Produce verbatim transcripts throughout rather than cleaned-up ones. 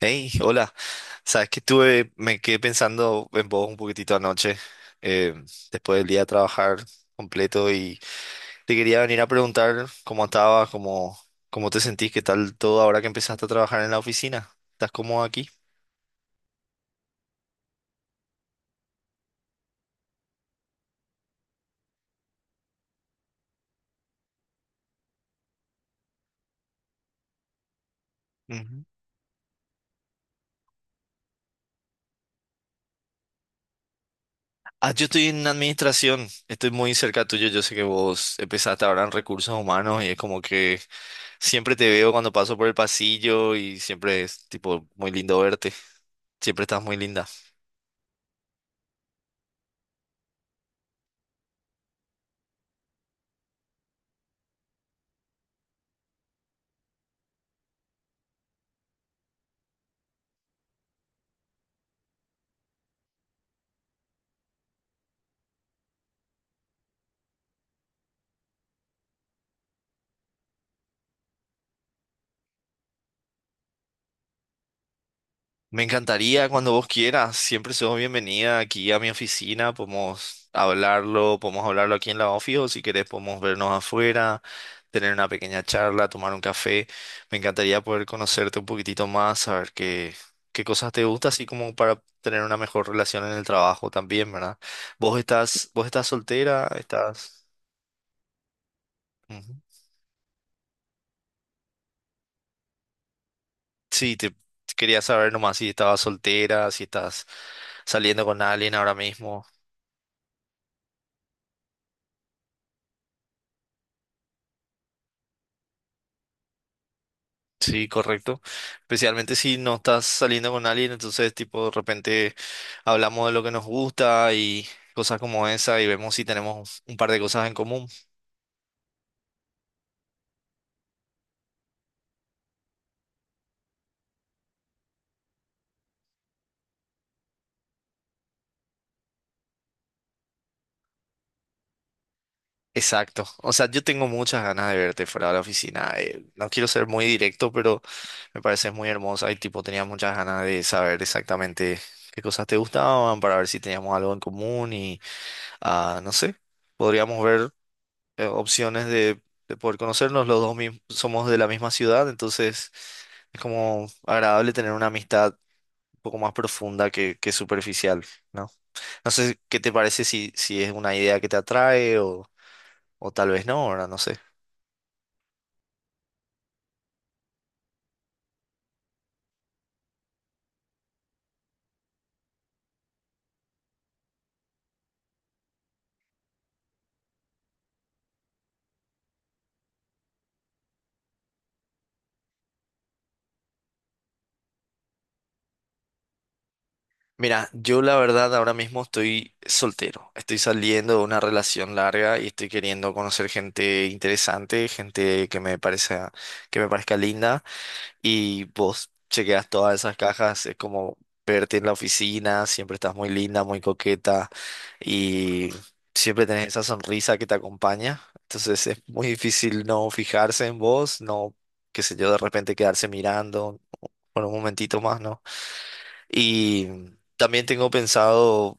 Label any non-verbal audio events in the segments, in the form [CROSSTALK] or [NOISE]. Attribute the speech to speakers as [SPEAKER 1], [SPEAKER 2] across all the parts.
[SPEAKER 1] Hey, hola. Sabes que estuve, me quedé pensando en vos un poquitito anoche, eh, después del día de trabajar completo y te quería venir a preguntar cómo estabas, cómo, cómo te sentís, qué tal todo ahora que empezaste a trabajar en la oficina. ¿Estás cómodo aquí? Ujú. Ah, yo estoy en administración, estoy muy cerca tuyo, yo sé que vos empezaste ahora en recursos humanos y es como que siempre te veo cuando paso por el pasillo y siempre es tipo muy lindo verte, siempre estás muy linda. Me encantaría cuando vos quieras. Siempre sos bienvenida aquí a mi oficina. Podemos hablarlo, podemos hablarlo aquí en la oficina o si querés podemos vernos afuera, tener una pequeña charla, tomar un café. Me encantaría poder conocerte un poquitito más, saber qué, qué cosas te gustan, así como para tener una mejor relación en el trabajo también, ¿verdad? ¿Vos estás, vos estás soltera? ¿Estás...? Ujú. Sí, te quería saber nomás si estabas soltera, si estás saliendo con alguien ahora mismo. Sí, correcto. Especialmente si no estás saliendo con alguien, entonces tipo de repente hablamos de lo que nos gusta y cosas como esa y vemos si tenemos un par de cosas en común. Exacto. O sea, yo tengo muchas ganas de verte fuera de la oficina. Eh, no quiero ser muy directo, pero me pareces muy hermosa y tipo tenía muchas ganas de saber exactamente qué cosas te gustaban para ver si teníamos algo en común y ah, no sé, podríamos ver. Eh, opciones de, de poder conocernos. Los dos mis- somos de la misma ciudad, entonces es como agradable tener una amistad un poco más profunda que, que superficial, ¿no? No sé qué te parece si, si es una idea que te atrae o, o tal vez no, ahora no sé. Mira, yo la verdad ahora mismo estoy soltero, estoy saliendo de una relación larga y estoy queriendo conocer gente interesante, gente que me parezca, que me parezca linda. Y vos chequeas todas esas cajas, es como verte en la oficina, siempre estás muy linda, muy coqueta y siempre tenés esa sonrisa que te acompaña. Entonces es muy difícil no fijarse en vos, no, qué sé yo, de repente quedarse mirando por un momentito más, ¿no? Y también tengo pensado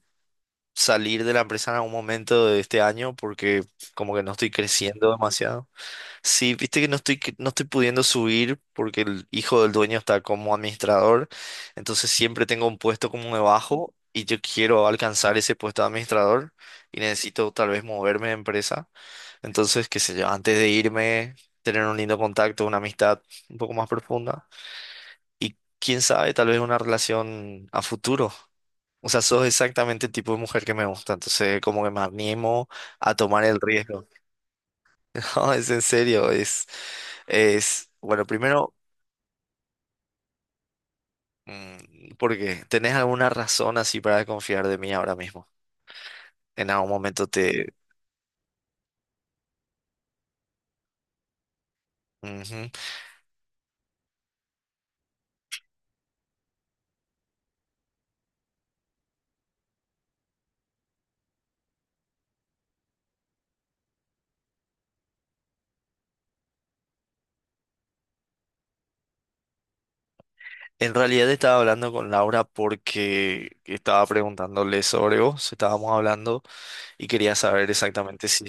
[SPEAKER 1] salir de la empresa en algún momento de este año porque como que no estoy creciendo demasiado. Sí, viste que no estoy, que no estoy pudiendo subir porque el hijo del dueño está como administrador, entonces siempre tengo un puesto como debajo y yo quiero alcanzar ese puesto de administrador y necesito tal vez moverme de empresa. Entonces, qué sé yo, antes de irme, tener un lindo contacto, una amistad un poco más profunda y quién sabe, tal vez una relación a futuro. O sea, sos exactamente el tipo de mujer que me gusta, entonces como que me animo a tomar el riesgo. No, es en serio, es, es, bueno, primero, mm, ¿por qué? ¿Tenés alguna razón así para desconfiar de mí ahora mismo? En algún momento te... Ujú. En realidad estaba hablando con Laura porque estaba preguntándole sobre vos, estábamos hablando. Y quería saber exactamente si,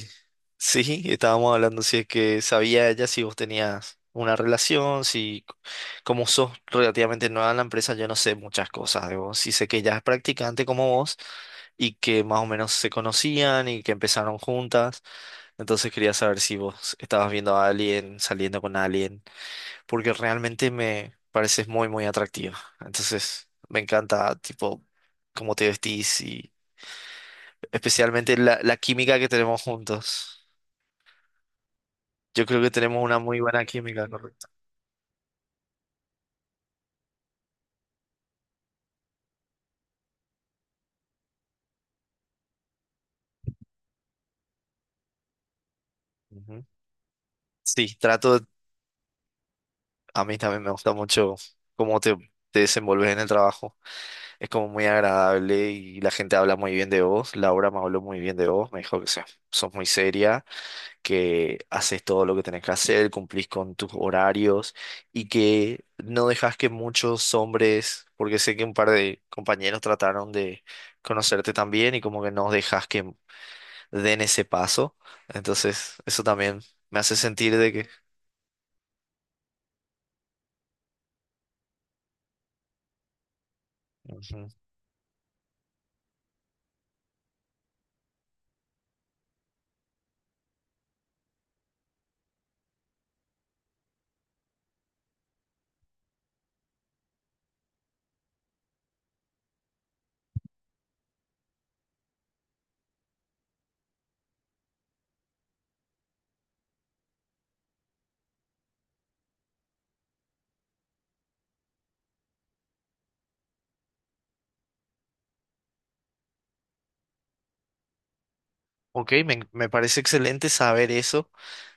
[SPEAKER 1] sí, estábamos hablando si es que sabía ella si vos tenías una relación, si c- como sos relativamente nueva en la empresa, yo no sé muchas cosas de vos. Sí sé que ella es practicante como vos y que más o menos se conocían y que empezaron juntas. Entonces quería saber si vos estabas viendo a alguien, saliendo con alguien, porque realmente me pareces muy, muy atractiva. Entonces me encanta, tipo, cómo te vestís. Especialmente la, la química que tenemos juntos. Yo creo que tenemos una muy buena química, correcto. Ujú. Sí, trato, a mí también me gusta mucho cómo te, te desenvolves en el trabajo. Es como muy agradable y la gente habla muy bien de vos. Laura me habló muy bien de vos, me dijo que seas- sos muy seria, que haces todo lo que tenés que hacer, cumplís con tus horarios y que no dejas que muchos hombres, porque sé que un par de compañeros trataron de conocerte también y como que no dejas que den ese paso. Entonces, eso también me hace sentir de que... Ujú. Ok, me, me parece excelente saber eso.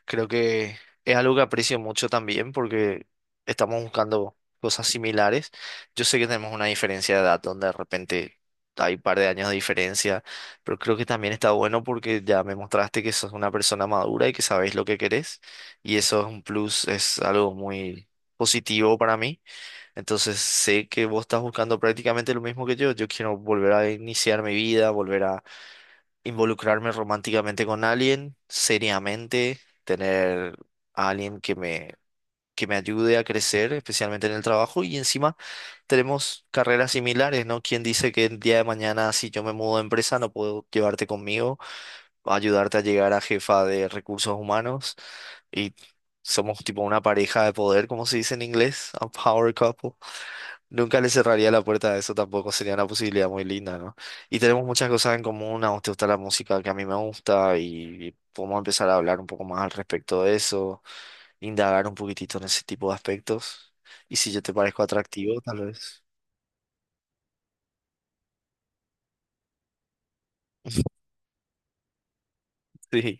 [SPEAKER 1] Creo que es algo que aprecio mucho también porque estamos buscando cosas similares. Yo sé que tenemos una diferencia de edad donde de repente hay un par de años de diferencia, pero creo que también está bueno porque ya me mostraste que sos una persona madura y que sabes lo que querés y eso es un plus, es algo muy positivo para mí. Entonces sé que vos estás buscando prácticamente lo mismo que yo. Yo quiero volver a iniciar mi vida, volver a involucrarme románticamente con alguien, seriamente, tener a alguien que me, que me ayude a crecer, especialmente en el trabajo. Y encima tenemos carreras similares, ¿no? ¿Quién dice que el día de mañana, si yo me mudo de empresa, no puedo llevarte conmigo, ayudarte a llegar a jefa de recursos humanos? Y somos tipo una pareja de poder, como se dice en inglés, a power couple. Nunca le cerraría la puerta a eso tampoco, sería una posibilidad muy linda, ¿no? Y tenemos muchas cosas en común, a vos te gusta la música que a mí me gusta y podemos empezar a hablar un poco más al respecto de eso, indagar un poquitito en ese tipo de aspectos. Y si yo te parezco atractivo, tal vez. [LAUGHS] Sí,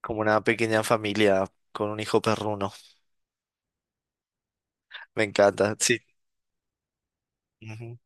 [SPEAKER 1] como una pequeña familia con un hijo perruno. Me encanta, sí. Ujú.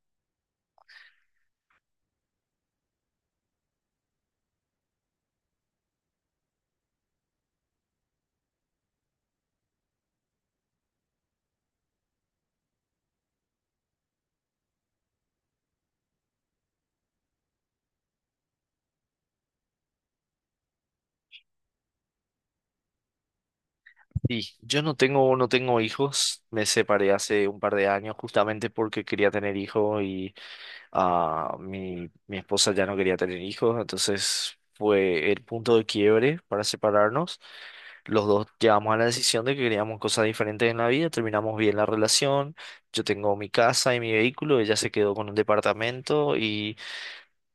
[SPEAKER 1] Sí, yo no tengo, no tengo hijos, me separé hace un par de años justamente porque quería tener hijos y ah, mi, mi esposa ya no quería tener hijos, entonces fue el punto de quiebre para separarnos. Los dos llegamos a la decisión de que queríamos cosas diferentes en la vida, terminamos bien la relación, yo tengo mi casa y mi vehículo, ella se quedó con un departamento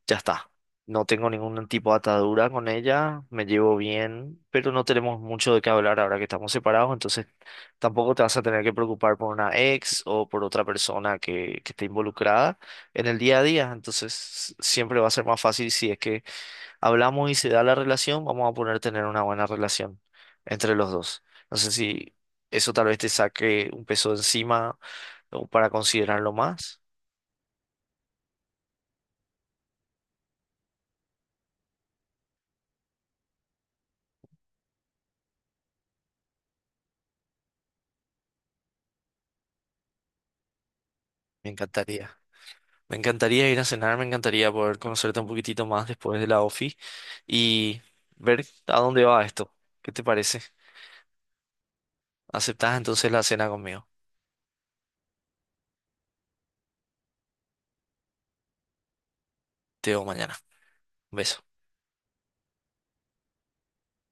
[SPEAKER 1] ya está. No tengo ningún tipo de atadura con ella, me llevo bien, pero no tenemos mucho de qué hablar ahora que estamos separados, entonces tampoco te vas a tener que preocupar por una ex o por otra persona que, que esté involucrada en el día a día, entonces siempre va a ser más fácil si es que hablamos y se da la relación, vamos a poder tener una buena relación entre los dos. No sé si eso tal vez te saque un peso de encima o para considerarlo más. Me encantaría. Me encantaría ir a cenar, me encantaría poder conocerte un poquitito más después de la OFI y ver a dónde va esto. ¿Qué te parece? ¿Aceptás entonces la cena conmigo? Te veo mañana. Un beso.